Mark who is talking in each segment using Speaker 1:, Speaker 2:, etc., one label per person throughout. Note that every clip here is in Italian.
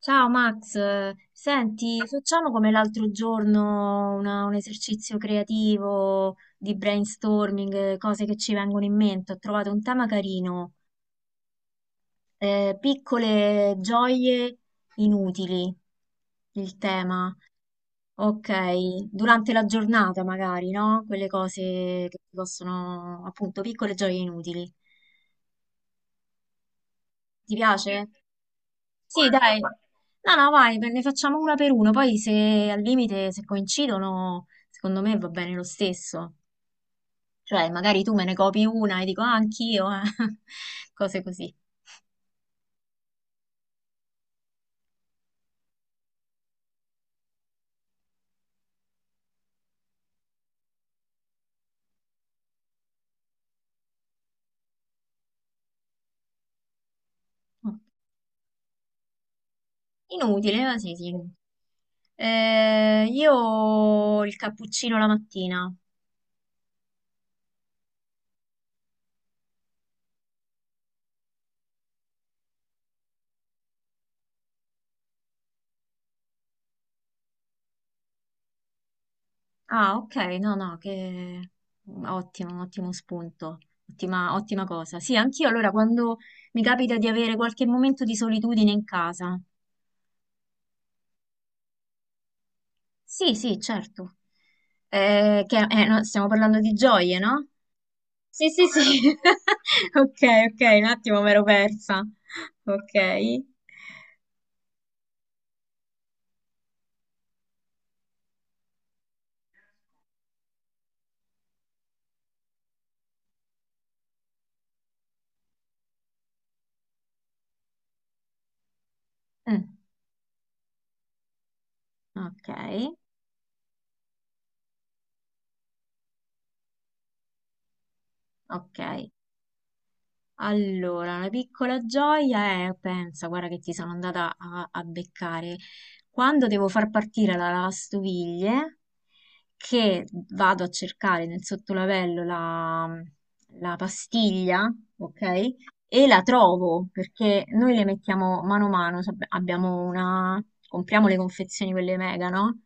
Speaker 1: Ciao Max, senti, facciamo come l'altro giorno un esercizio creativo di brainstorming, cose che ci vengono in mente. Ho trovato un tema carino, piccole gioie inutili, il tema. Ok, durante la giornata magari, no? Quelle cose che ti possono, appunto, piccole gioie inutili. Ti piace? Sì, dai. No, no, vai, ne facciamo una per uno, poi se al limite, se coincidono, secondo me va bene lo stesso. Cioè, magari tu me ne copi una e dico, ah, anch'io, eh. Cose così. Inutile, ma sì, sì. Io il cappuccino la mattina. Ah, ok, no, no, che ottimo, ottimo spunto, ottima, ottima cosa. Sì, anch'io allora quando mi capita di avere qualche momento di solitudine in casa. Sì, sì, certo. No, stiamo parlando di gioie, no? Sì, sì, sì. Ok, ok, un attimo me l'ero persa. Ok. Mm, ok, ok. Allora, una piccola gioia è, pensa, guarda che ti sono andata a, a beccare. Quando devo far partire la lavastoviglie, che vado a cercare nel sottolavello la, la pastiglia, ok? E la trovo perché noi le mettiamo mano a mano, abbiamo una, compriamo le confezioni quelle mega, no?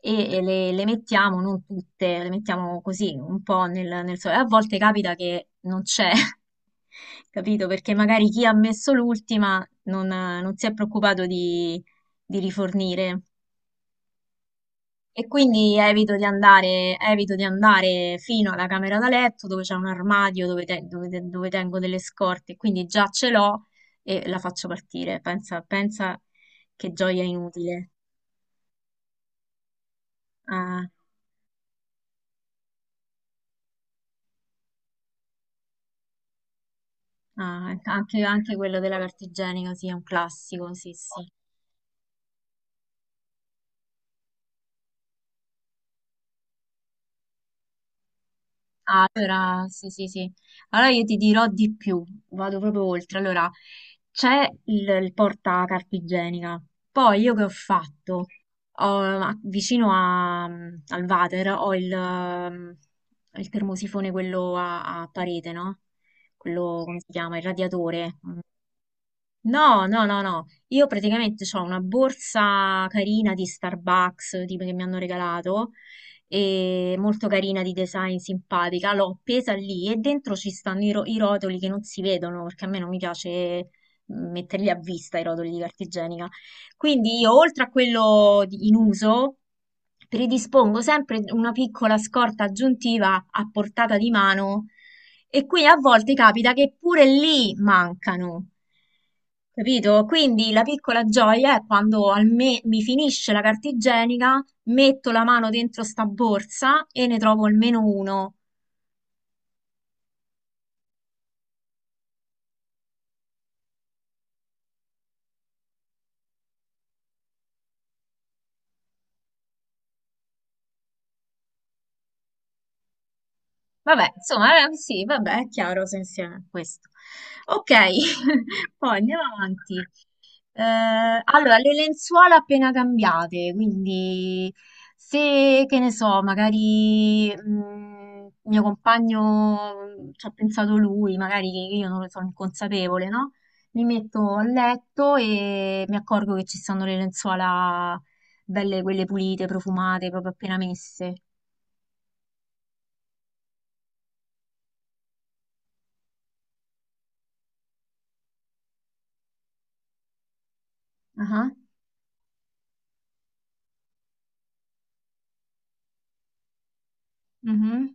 Speaker 1: E le mettiamo, non tutte, le mettiamo così un po' nel, nel sole. A volte capita che non c'è, capito? Perché magari chi ha messo l'ultima non, non si è preoccupato di rifornire. E quindi evito di andare fino alla camera da letto dove c'è un armadio dove tengo delle scorte, quindi già ce l'ho e la faccio partire. Pensa, pensa che gioia inutile. Ah, ah, anche, anche quello della carta igienica, sì, è un classico, sì, sì. Ah, allora sì, sì, sì. Allora io ti dirò di più, vado proprio oltre. Allora, c'è il porta carta igienica. Poi io che ho fatto? Vicino al water ho il termosifone, quello a, a parete, no? Quello, come si chiama? Il radiatore. Mm, no, no, no, no. Io praticamente ho una borsa carina di Starbucks, tipo che mi hanno regalato, e molto carina di design, simpatica. L'ho appesa lì e dentro ci stanno i rotoli che non si vedono, perché a me non mi piace metterli a vista i rotoli di carta igienica. Quindi io, oltre a quello in uso, predispongo sempre una piccola scorta aggiuntiva a portata di mano e qui a volte capita che pure lì mancano. Capito? Quindi la piccola gioia è quando mi finisce la carta igienica, metto la mano dentro sta borsa e ne trovo almeno uno. Vabbè, insomma, sì, vabbè, è chiaro se insieme questo. Ok, poi andiamo avanti. Allora, le lenzuola appena cambiate, quindi se, che ne so, magari mio compagno ci ha pensato lui, magari che io non ne sono inconsapevole, no? Mi metto a letto e mi accorgo che ci stanno le lenzuola belle, quelle pulite, profumate, proprio appena messe. Ah, mhm,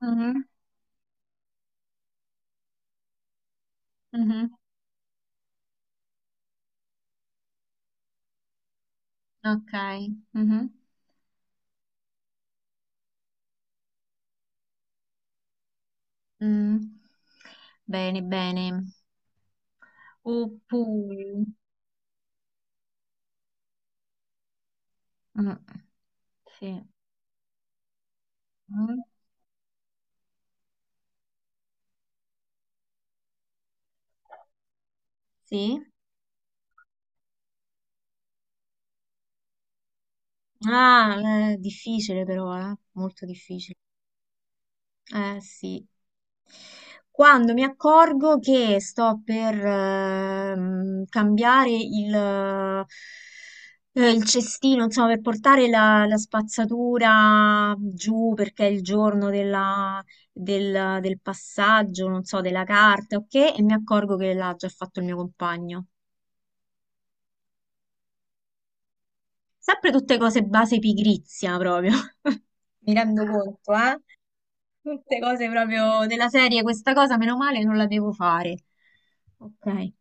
Speaker 1: mhm. Mhm, ok. Mhm, mm. Bene, bene. Oppure... Mm, sì. Mm, sì. Ah, è difficile però, eh? Molto difficile. Sì. Quando mi accorgo che sto per cambiare il cestino, insomma, per portare la, la spazzatura giù perché è il giorno del, del passaggio, non so, della carta, ok? E mi accorgo che l'ha già fatto il mio compagno. Sempre tutte cose base pigrizia, proprio. Mi rendo conto, eh? Tutte cose proprio della serie, questa cosa meno male non la devo fare. Ok.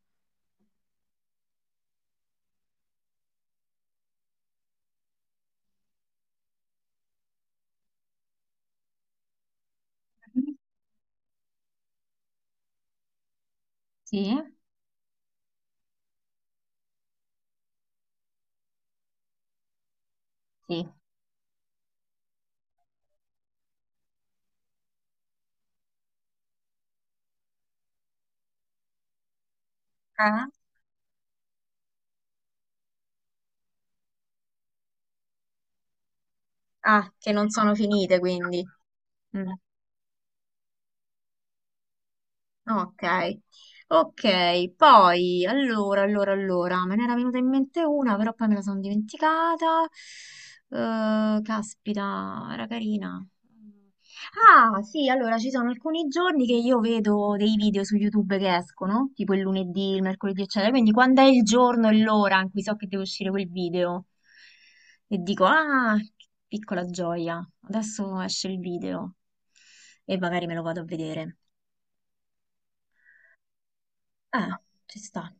Speaker 1: Sì, sì. Eh? Ah, che non sono finite quindi. Mm. Ok, ok, poi allora, allora, allora, me ne era venuta in mente una, però poi me la sono dimenticata. Caspita, era carina. Ah, sì, allora ci sono alcuni giorni che io vedo dei video su YouTube che escono, tipo il lunedì, il mercoledì, eccetera. Quindi quando è il giorno e l'ora in cui so che deve uscire quel video e dico, ah, che piccola gioia, adesso esce il video e magari me lo vado a vedere. Eh, ci sta.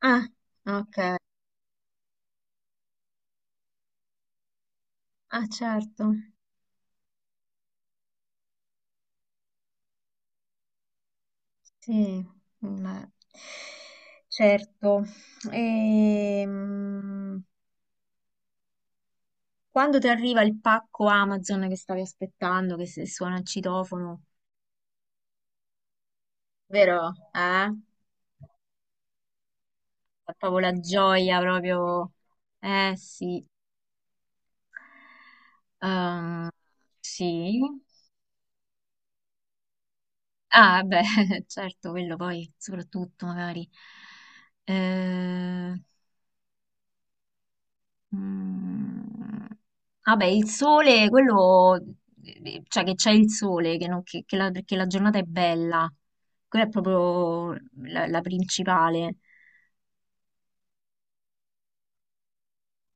Speaker 1: Ah, ok. Ah, certo. Sì, ma- certo. Ehm, quando ti arriva il pacco Amazon che stavi aspettando, che suona il citofono, vero? Eh? È proprio la gioia, proprio. Sì. Ehm, sì. Ah, beh, certo, quello poi, soprattutto, magari. Eh, Mm, vabbè, il sole, quello, cioè che c'è il sole, che, che la giornata è bella, quella è proprio la, la principale.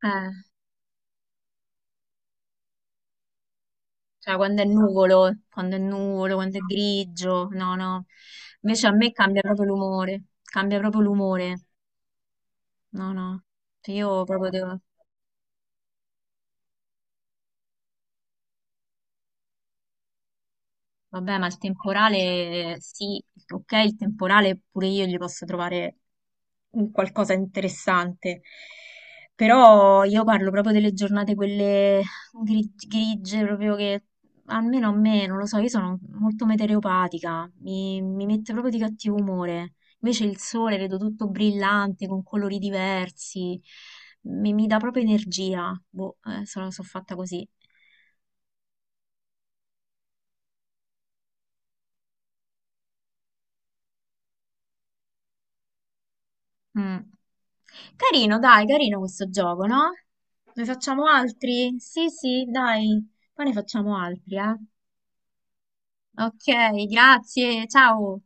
Speaker 1: Eh, cioè quando è nuvolo, quando è nuvolo, quando è grigio, no, no. Invece a me cambia proprio l'umore, no, no. Cioè, io proprio devo... Vabbè, ma il temporale, sì, ok, il temporale pure io gli posso trovare un qualcosa di interessante, però io parlo proprio delle giornate quelle grigie, proprio che almeno a me, non lo so, io sono molto metereopatica, mi mette proprio di cattivo umore, invece il sole vedo tutto brillante, con colori diversi, mi dà proprio energia, boh, sono, sono fatta così. Mm. Carino, dai, carino questo gioco, no? Ne facciamo altri? Sì, sì, dai, poi ne facciamo altri, eh. Ok, grazie, ciao.